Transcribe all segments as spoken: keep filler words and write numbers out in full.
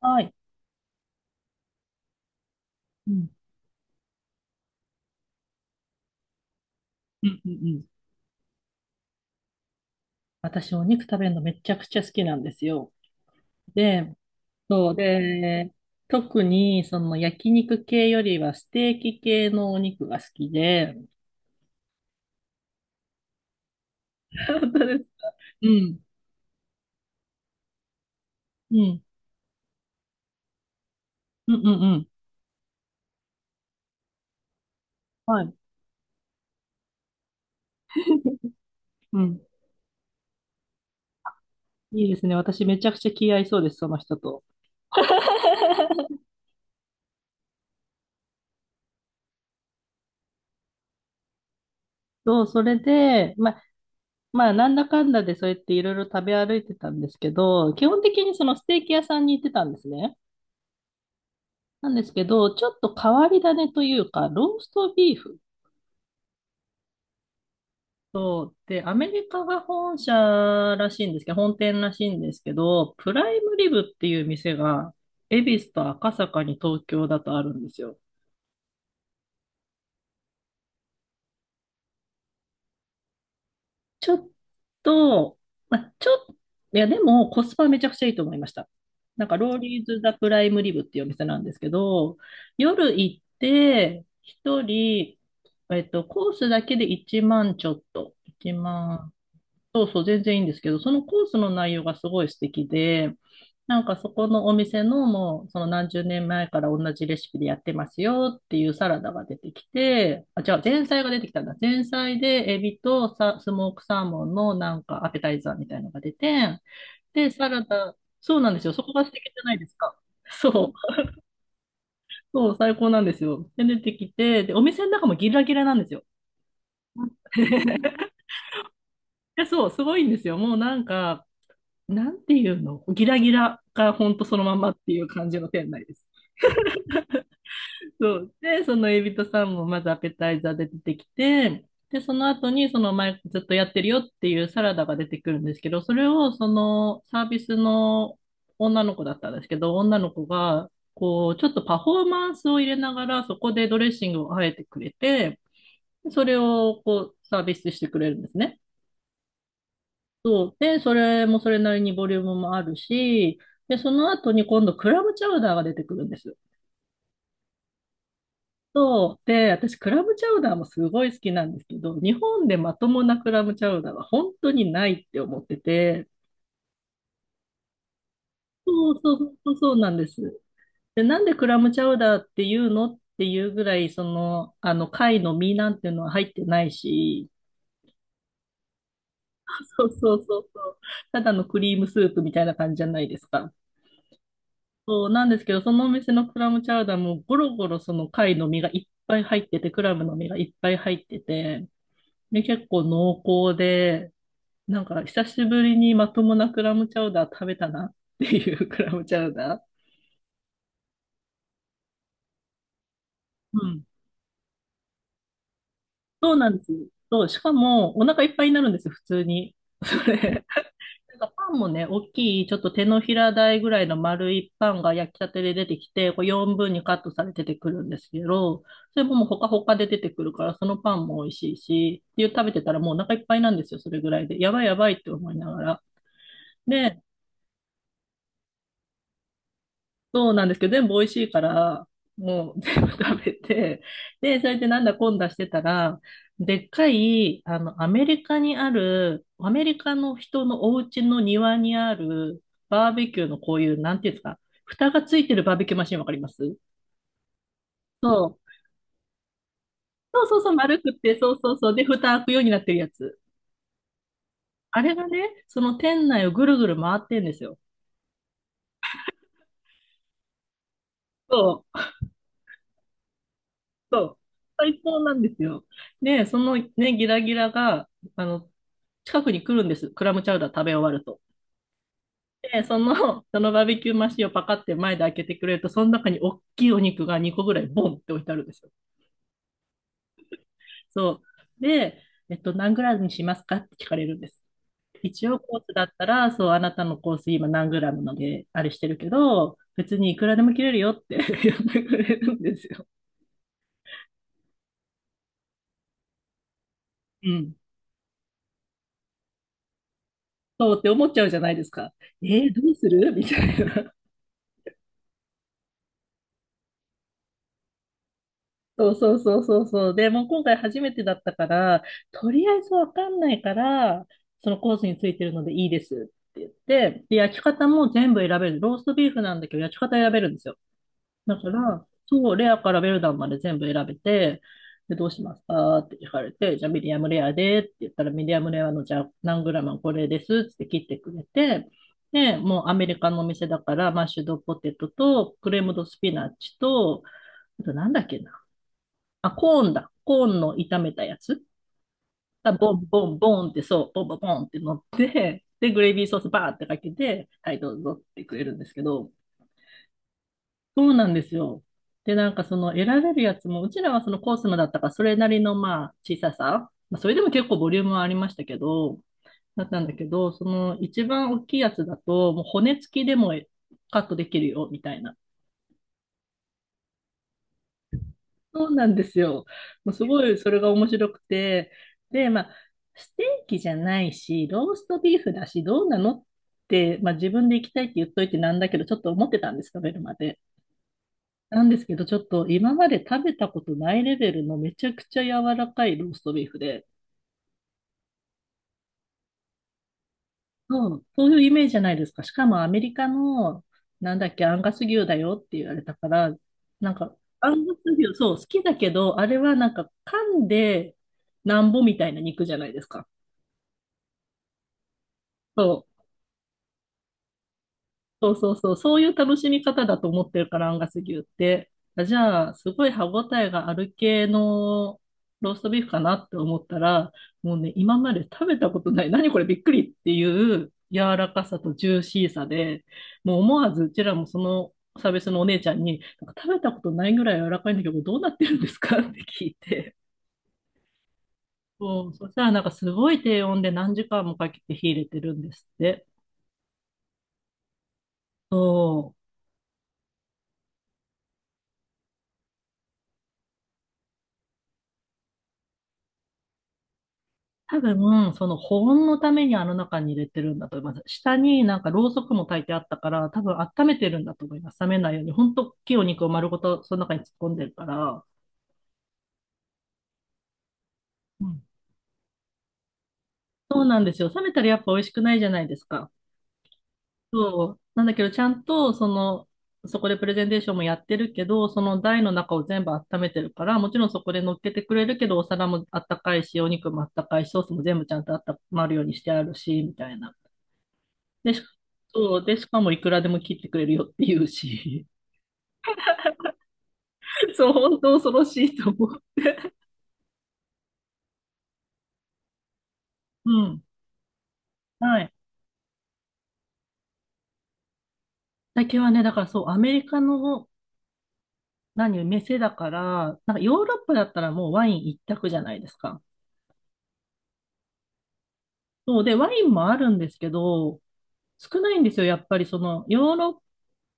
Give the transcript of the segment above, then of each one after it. はい。うん。うんうんうん。私、お肉食べるのめちゃくちゃ好きなんですよ。で、そう、で、特に、その焼肉系よりはステーキ系のお肉が好きで。本当です。うん。うん。うんうんうん。はい。うん。いいですね。私、めちゃくちゃ気合いそうです、その人と。そう、それで、ま、まあ、なんだかんだでそうやっていろいろ食べ歩いてたんですけど、基本的にそのステーキ屋さんに行ってたんですね。なんですけど、ちょっと変わり種というか、ローストビーフと、で、アメリカが本社らしいんですけど、本店らしいんですけど、プライムリブっていう店が、恵比寿と赤坂に東京だとあるんですよ。ちょっと、まあ、ちょっと、いや、でもコスパめちゃくちゃいいと思いました。なんか、ローリーズ・ザ・プライムリブっていうお店なんですけど、夜行って、一人、えっと、コースだけでいちまんちょっと、いちまん、そうそう、全然いいんですけど、そのコースの内容がすごい素敵で、なんかそこのお店のもう、その何十年前から同じレシピでやってますよっていうサラダが出てきて、あ、違う、前菜が出てきたんだ。前菜でエビとさスモークサーモンのなんかアペタイザーみたいのが出て、で、サラダ、そうなんですよ。そこが素敵じゃないですか。そう、そう、最高なんですよ。で、出てきて、で、お店の中もギラギラなんですよ。いやそう、すごいんですよ。もうなんか、なんていうのギラギラがほんとそのままっていう感じの店内です。そう。で、そのエビとサーモンまずアペタイザーで出てきて、で、その後にその前ずっとやってるよっていうサラダが出てくるんですけど、それをそのサービスの女の子だったんですけど、女の子がこうちょっとパフォーマンスを入れながらそこでドレッシングをあえてくれて、それをこうサービスしてくれるんですね。そう。で、それもそれなりにボリュームもあるし、で、その後に今度クラムチャウダーが出てくるんです。そう。で、私クラムチャウダーもすごい好きなんですけど、日本でまともなクラムチャウダーは本当にないって思ってて、そうそうそうそうそうなんです。で、なんでクラムチャウダーっていうのっていうぐらい、その、あの、貝の身なんていうのは入ってないし、そうそうそうそう。ただのクリームスープみたいな感じじゃないですか。そうなんですけど、そのお店のクラムチャウダーもゴロゴロその貝の身がいっぱい入ってて、クラムの身がいっぱい入ってて、で、結構濃厚で、なんか久しぶりにまともなクラムチャウダー食べたなっていう クラムチャウダー。うん。そうなんですよ。そう、しかもお腹いっぱいになるんですよ、普通に。それ。なんかパンもね、大きい、ちょっと手のひら大ぐらいの丸いパンが焼きたてで出てきて、こうよんぶんにカットされて出てくるんですけど、それももうほかほかで出てくるから、そのパンも美味しいし、っていう食べてたらもうお腹いっぱいなんですよ、それぐらいで。やばいやばいって思いながら。で、そうなんですけど、全部美味しいから、もう全部食べて、で、それでなんだこんだしてたら、でっかい、あの、アメリカにある、アメリカの人のお家の庭にある、バーベキューのこういう、なんていうんですか、蓋がついてるバーベキューマシンわかります。そう。そうそうそう、丸くって、そうそうそう。で、蓋開くようになってるやつ。あれがね、その店内をぐるぐる回ってんですよ。そう、そう。最高なんですよ。で、そのね、ギラギラが、あの、近くに来るんです。クラムチャウダー食べ終わると。で、その、そのバーベキューマシンをパカって前で開けてくれると、その中に大きいお肉がにこぐらいボンって置いてあるんですよ。そう。で、えっと、何グラムにしますかって聞かれるんです。一応コースだったら、そう、あなたのコース今何グラムので、あれしてるけど、別にいくらでも切れるよって 言ってくれるんですよ。うん。そうって思っちゃうじゃないですか。えー、どうするみたいな。そうそうそうそうそう。で、もう今回初めてだったから、とりあえずわかんないから、そのコースについてるのでいいですって言って、で、焼き方も全部選べる。ローストビーフなんだけど、焼き方選べるんですよ。だから、そう、レアからベルダンまで全部選べて、で、どうしますかって聞かれて、じゃあミディアムレアでって言ったら、ミディアムレアのじゃあ何グラムこれですって切ってくれて、で、もうアメリカのお店だから、マッシュドポテトと、クレームドスピナッチと、あとなんだっけな。あ、コーンだ。コーンの炒めたやつ。あ、ボンボンボンってそう、ボンボンボンって乗って、で、グレービーソースバーってかけて、はい、どうぞってくれるんですけど、そうなんですよ。で、なんかその選べるやつも、うちらはそのコースのだったから、それなりのまあ小ささ、まあ、それでも結構ボリュームはありましたけど、だったんだけど、その一番大きいやつだと、もう骨付きでもカットできるよ、みたいな。そうなんですよ。もうすごいそれが面白くて、で、まあ、ステーキじゃないし、ローストビーフだし、どうなのって、まあ、自分で行きたいって言っといてなんだけど、ちょっと思ってたんです、食べるまで。なんですけど、ちょっと今まで食べたことないレベルのめちゃくちゃ柔らかいローストビーフで、そう、そういうイメージじゃないですか。しかもアメリカの、なんだっけ、アンガス牛だよって言われたから、なんか、アンガス牛、そう、好きだけど、あれはなんか、噛んでなんぼみたいな肉じゃないですか。そうそうそうそう、そういう楽しみ方だと思ってるから、アンガス牛って。あじゃあ、すごい歯ごたえがある系のローストビーフかなって思ったら、もうね、今まで食べたことない、何これびっくりっていう柔らかさとジューシーさで、もう思わずうちらもそのサービスのお姉ちゃんに、なんか食べたことないぐらい柔らかいんだけど、どうなってるんですかって聞いて。そう、そしたらなんかすごい低温で何時間もかけて火入れてるんですって。そう。多分、その保温のためにあの中に入れてるんだと思います。下になんかろうそくも焚いてあったから、多分温めてるんだと思います。冷めないように。ほんと、大きいお肉を丸ごとその中に突っ込んでるから。うん。そうなんですよ。冷めたらやっぱ美味しくないじゃないですか。そう。なんだけど、ちゃんと、その、そこでプレゼンテーションもやってるけど、その台の中を全部温めてるから、もちろんそこで乗っけてくれるけど、お皿もあったかいし、お肉もあったかいし、ソースも全部ちゃんとあったまるようにしてあるし、みたいな。で、しそう、で、しかもいくらでも切ってくれるよって言うし。そう、本当恐ろしいと思う。うん。はい。酒はね、だからそう、アメリカの、何、店だから、なんかヨーロッパだったらもうワイン一択じゃないですか。そうで、ワインもあるんですけど、少ないんですよ、やっぱりその、ヨーロッ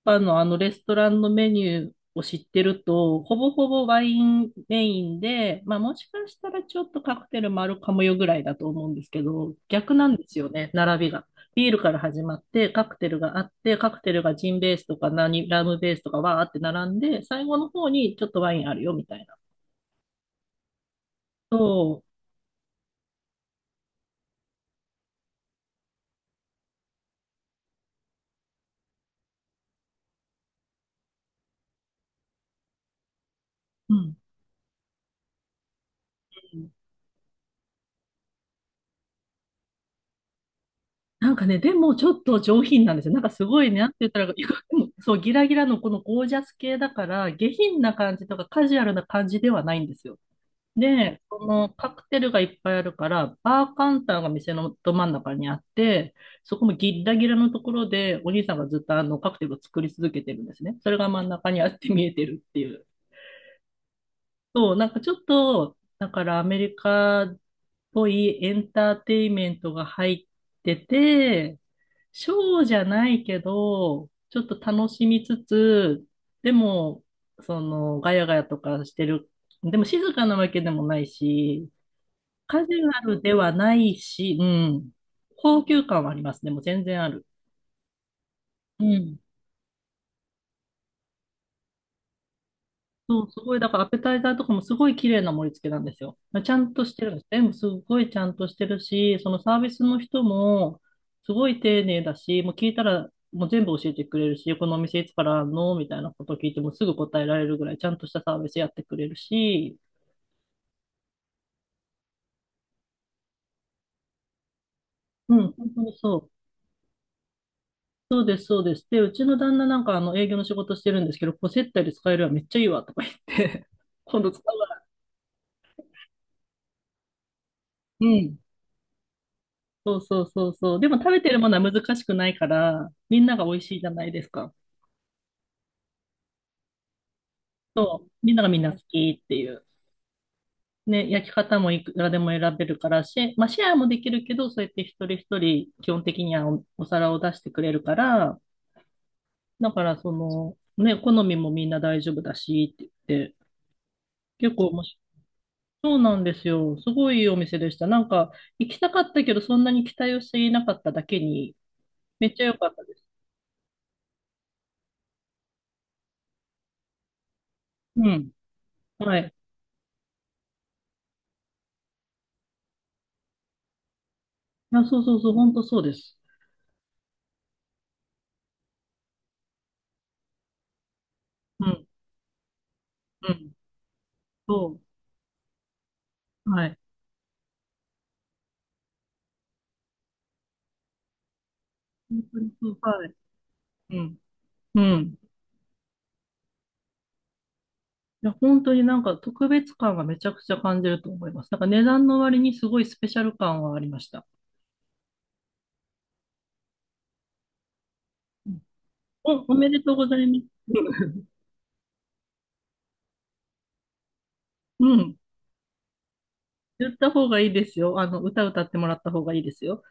パのあのレストランのメニューを知ってると、ほぼほぼワインメインで、まあもしかしたらちょっとカクテルもあるかもよぐらいだと思うんですけど、逆なんですよね、並びが。ビールから始まって、カクテルがあって、カクテルがジンベースとか何、ラムベースとかわーって並んで、最後の方にちょっとワインあるよみたいな。そう。うん。なんかね、でもちょっと上品なんですよ。なんかすごいね、なんて言ったら、いやでも そう、ギラギラのこのゴージャス系だから、下品な感じとかカジュアルな感じではないんですよ。で、このカクテルがいっぱいあるから、バーカウンターが店のど真ん中にあって、そこもギッラギラのところで、お兄さんがずっとあのカクテルを作り続けてるんですね。それが真ん中にあって見えてるっていう。そう、なんかちょっと、だからアメリカっぽいエンターテインメントが入ってて、ショーじゃないけど、ちょっと楽しみつつ、でも、その、ガヤガヤとかしてる。でも静かなわけでもないし、カジュアルではないし、うん。高級感はありますね。でもう全然ある。うん。そう、すごい、だからアペタイザーとかもすごい綺麗な盛り付けなんですよ。ちゃんとしてるんですね。全部すごいちゃんとしてるし、そのサービスの人もすごい丁寧だし、もう聞いたらもう全部教えてくれるし、このお店いつからあんのみたいなこと聞いてもすぐ答えられるぐらいちゃんとしたサービスやってくれるし、うん、本当にそう。そうです、そうです。で、うちの旦那なんかあの営業の仕事してるんですけど、こう接待で使えるわ、めっちゃいいわとか言って、今度使うわ。うん。そうそうそうそう。でも食べてるものは難しくないから、みんなが美味しいじゃないですか。そう。みんながみんな好きっていう。ね、焼き方もいくらでも選べるから、シェ、まあ、シェアもできるけど、そうやって一人一人基本的にはお、お皿を出してくれるから、だからその、ね、好みもみんな大丈夫だしって言って、結構面白い。そうなんですよ。すごいいいお店でした。なんか、行きたかったけど、そんなに期待をしていなかっただけに、めっちゃ良かったです。うん。はい。あ、そうそうそう、本当そうです。うん。そう。はい。本当にそう。はい。うん。うん。いや、本当になんか特別感がめちゃくちゃ感じると思います。なんか値段の割にすごいスペシャル感はありました。お、おめでとうございます。うん。言った方がいいですよ。あの、歌歌ってもらった方がいいですよ。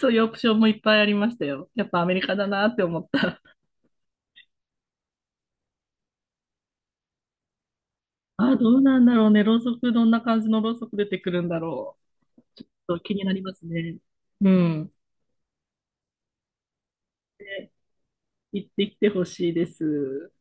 そういうオプションもいっぱいありましたよ。やっぱアメリカだなって思った。あ、どうなんだろうね。ろうそく、どんな感じのろうそく出てくるんだろう。ちょっと気になりますね。うん。で、行ってきてほしいです。